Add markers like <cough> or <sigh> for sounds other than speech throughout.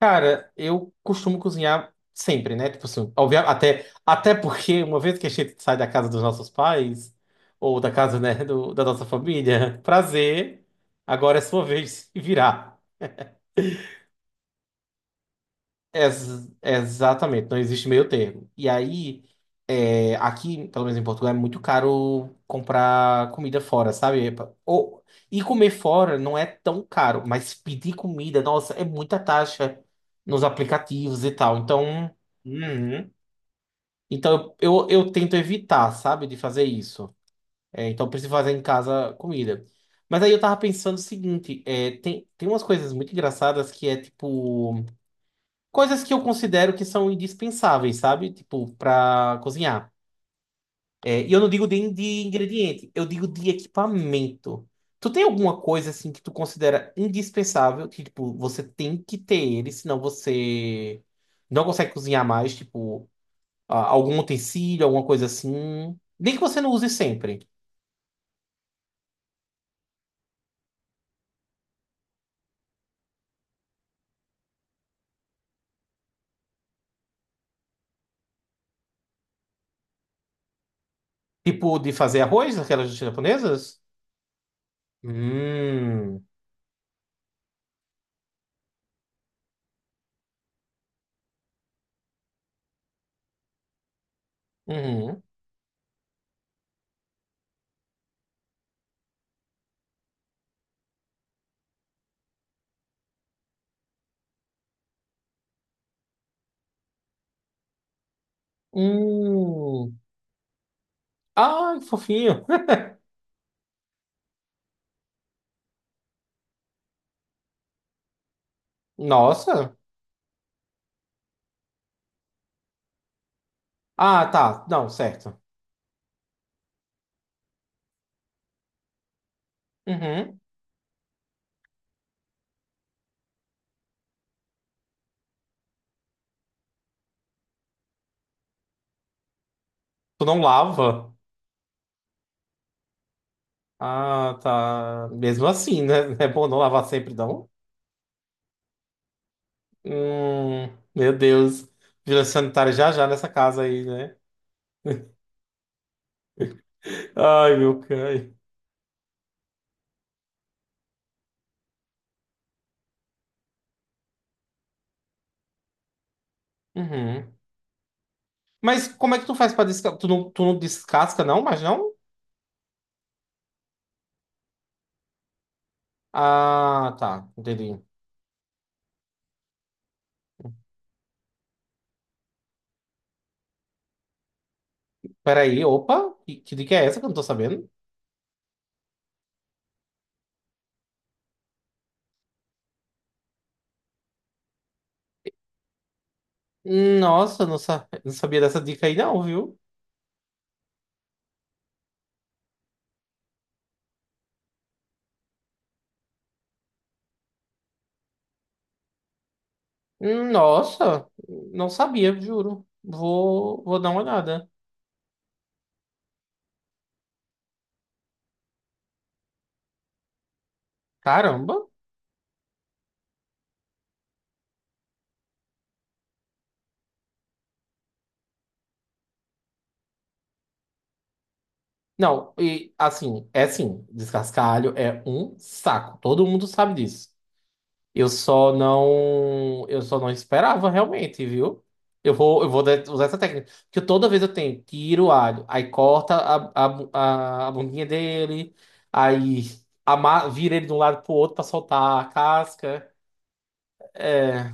Cara, eu costumo cozinhar sempre, né? Tipo assim, até porque uma vez que a gente sai da casa dos nossos pais, ou da casa, né, da nossa família, <laughs> prazer, agora é sua vez de se virar. Exatamente, não existe meio termo. E aí, aqui, pelo menos em Portugal, é muito caro comprar comida fora, sabe? Ou, e comer fora não é tão caro, mas pedir comida, nossa, é muita taxa nos aplicativos e tal. Então, uhum. Então eu tento evitar, sabe, de fazer isso. Então, eu preciso fazer em casa comida. Mas aí eu tava pensando o seguinte, tem umas coisas muito engraçadas que é tipo. Coisas que eu considero que são indispensáveis, sabe? Tipo, pra cozinhar. E eu não digo de ingrediente, eu digo de equipamento. Tu tem alguma coisa assim que tu considera indispensável, que tipo, você tem que ter ele, senão você não consegue cozinhar mais, tipo, algum utensílio, alguma coisa assim. Nem que você não use sempre. Tipo, de fazer arroz, aquelas japonesas? Hum. Uhum. Hum. Ai, que fofinho. Nossa. Ah, tá. Não, certo. Uhum. Tu não lava? Ah, tá. Mesmo assim, né? <laughs> É bom não lavar sempre, não? Hum, meu Deus. Vigilância sanitária já já nessa casa aí, né? <laughs> Ai, meu cai. Uhum. Mas como é que tu faz pra descascar? Tu não descasca, não? Mas não? Ah, tá. Entendi. Peraí, opa. Que dica é essa que eu não tô sabendo? Nossa, não, não sabia dessa dica aí, não, viu? Nossa, não sabia, juro. Vou dar uma olhada. Caramba. Não, e assim, é assim, descascalho é um saco. Todo mundo sabe disso. Eu só não esperava realmente, viu? Eu vou usar essa técnica. Porque toda vez eu tenho, tiro o alho, aí corta a bundinha dele, aí vira ele de um lado pro outro pra soltar a casca. É,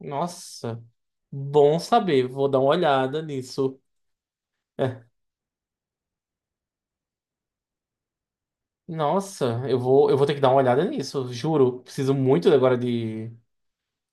Nossa. Bom saber, vou dar uma olhada nisso. É. Nossa, eu vou ter que dar uma olhada nisso, juro. Preciso muito agora de,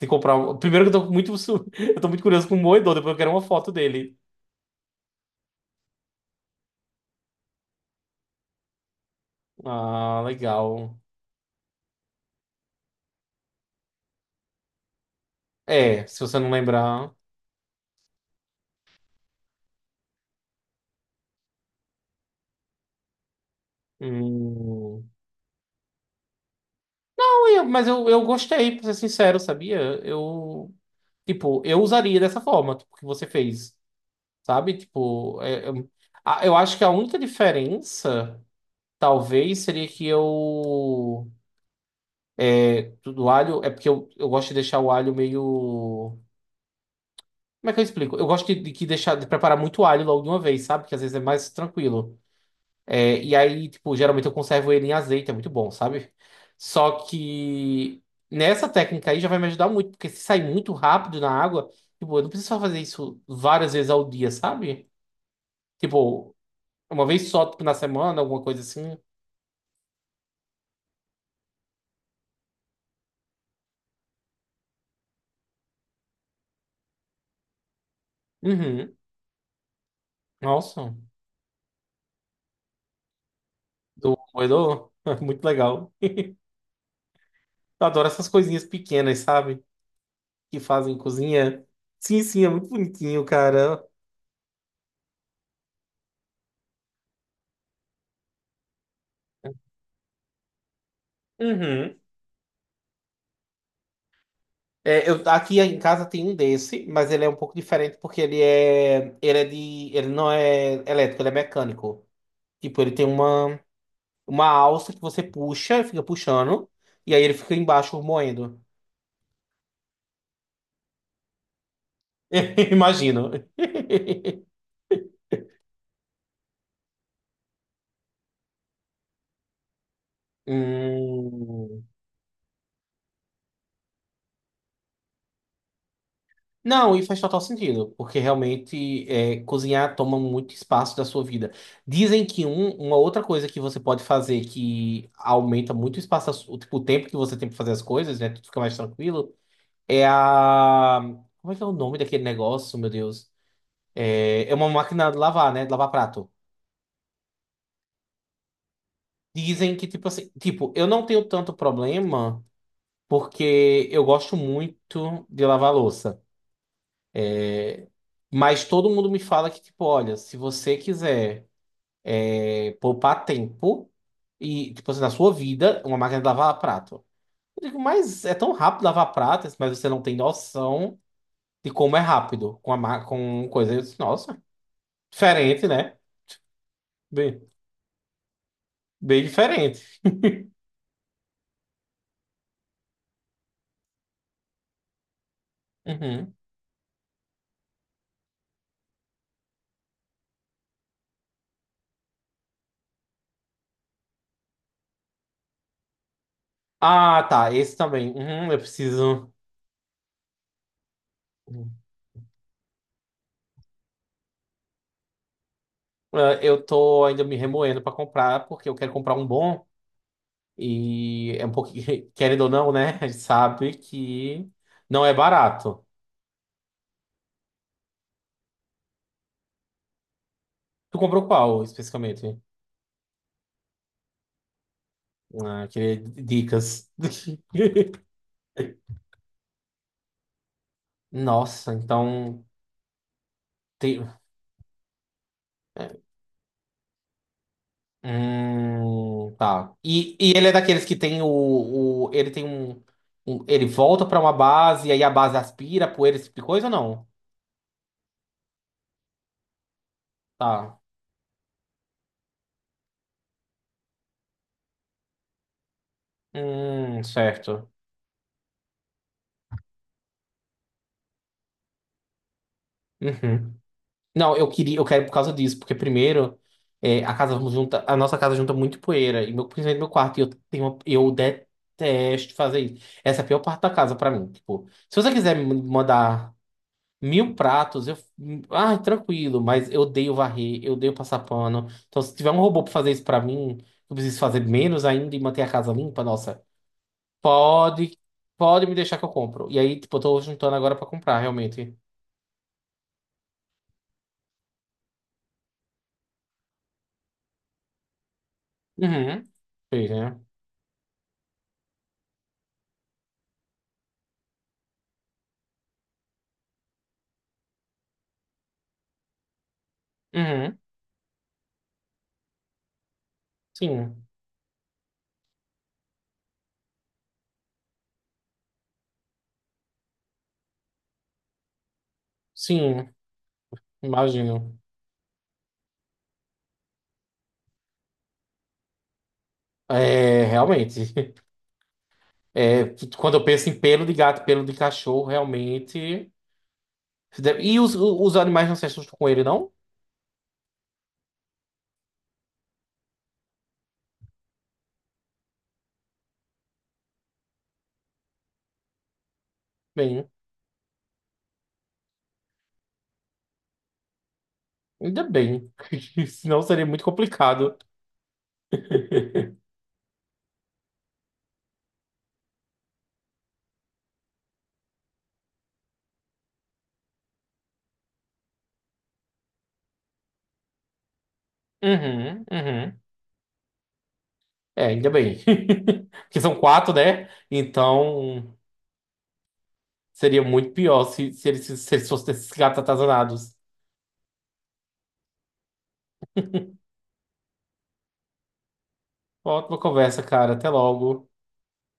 de comprar. Primeiro que eu tô muito, <laughs> eu tô muito curioso com o moedor, depois eu quero uma foto dele. Ah, legal. É, se você não lembrar. Hum. Não, mas eu gostei, pra ser sincero, sabia? Eu, tipo, eu usaria dessa forma, tipo, que você fez, sabe? Tipo, eu acho que a única diferença, talvez, seria que eu. Tudo alho é porque eu gosto de deixar o alho meio. Como é que eu explico? Eu gosto de, de preparar muito alho logo de uma vez, sabe? Que às vezes é mais tranquilo. E aí, tipo, geralmente eu conservo ele em azeite, é muito bom, sabe? Só que nessa técnica aí já vai me ajudar muito, porque se sair muito rápido na água, tipo, eu não preciso só fazer isso várias vezes ao dia, sabe? Tipo, uma vez só, tipo, na semana, alguma coisa assim. Uhum. Nossa, do moedor, <laughs> muito legal. Eu adoro essas coisinhas pequenas, sabe? Que fazem cozinha. Sim, sim, é muito bonitinho, cara. Uhum. Eu, aqui em casa tem um desse, mas ele é um pouco diferente porque ele não é elétrico, ele é mecânico. Tipo, ele tem uma alça que você puxa, fica puxando, e aí ele fica embaixo moendo. <laughs> Imagino. <laughs> Hum. Não, e faz total sentido, porque realmente cozinhar toma muito espaço da sua vida. Dizem que uma outra coisa que você pode fazer que aumenta muito o espaço, tipo, o tempo que você tem para fazer as coisas, né? Tudo fica mais tranquilo. É a. Como é que é o nome daquele negócio, meu Deus? É uma máquina de lavar, né? De lavar prato. Dizem que, tipo assim, tipo, eu não tenho tanto problema porque eu gosto muito de lavar louça. Mas todo mundo me fala que, tipo, olha, se você quiser. Poupar tempo e, tipo assim, na sua vida, uma máquina de lavar prato. Eu digo, mas é tão rápido lavar prato, mas você não tem noção de como é rápido com com coisa. Eu disse, nossa, diferente, né? Bem, bem diferente. Uhum. Ah, tá, esse também. Uhum, eu preciso. Uhum. Ah, eu tô ainda me remoendo pra comprar, porque eu quero comprar um bom. E é um pouquinho, <laughs> querendo ou não, né? A gente sabe que não é barato. Tu comprou qual especificamente? Ah, eu queria dicas. <laughs> Nossa, então. Tem... é, tá. E ele é daqueles que tem o ele tem ele volta pra uma base e aí a base aspira poeira, esse tipo de coisa ou não? Tá. Certo. Uhum. Não, eu queria, eu quero por causa disso, porque primeiro a nossa casa junta muito poeira e meu, principalmente meu quarto, e eu tenho eu detesto fazer isso. Essa é a pior parte da casa pra mim, tipo, se você quiser me mandar Mil pratos, eu. Ai, tranquilo, mas eu odeio varrer, eu odeio passar pano. Então, se tiver um robô pra fazer isso pra mim, eu preciso fazer menos ainda e manter a casa limpa, nossa. Pode, pode me deixar que eu compro. E aí, tipo, eu tô juntando agora pra comprar, realmente. Uhum. Fez, né? Uhum. Sim. Sim, imagino. É, realmente. <laughs> É, quando eu penso em pelo de gato, pelo de cachorro, realmente. E os animais não se assustam com ele, não? Bem. Ainda bem, <laughs> senão seria muito complicado. <laughs> Uhum, uhum. É, ainda bem. <laughs> Porque são quatro, né? Então seria muito pior se eles fossem esses gatos atazanados. Ótima conversa, cara. Até logo.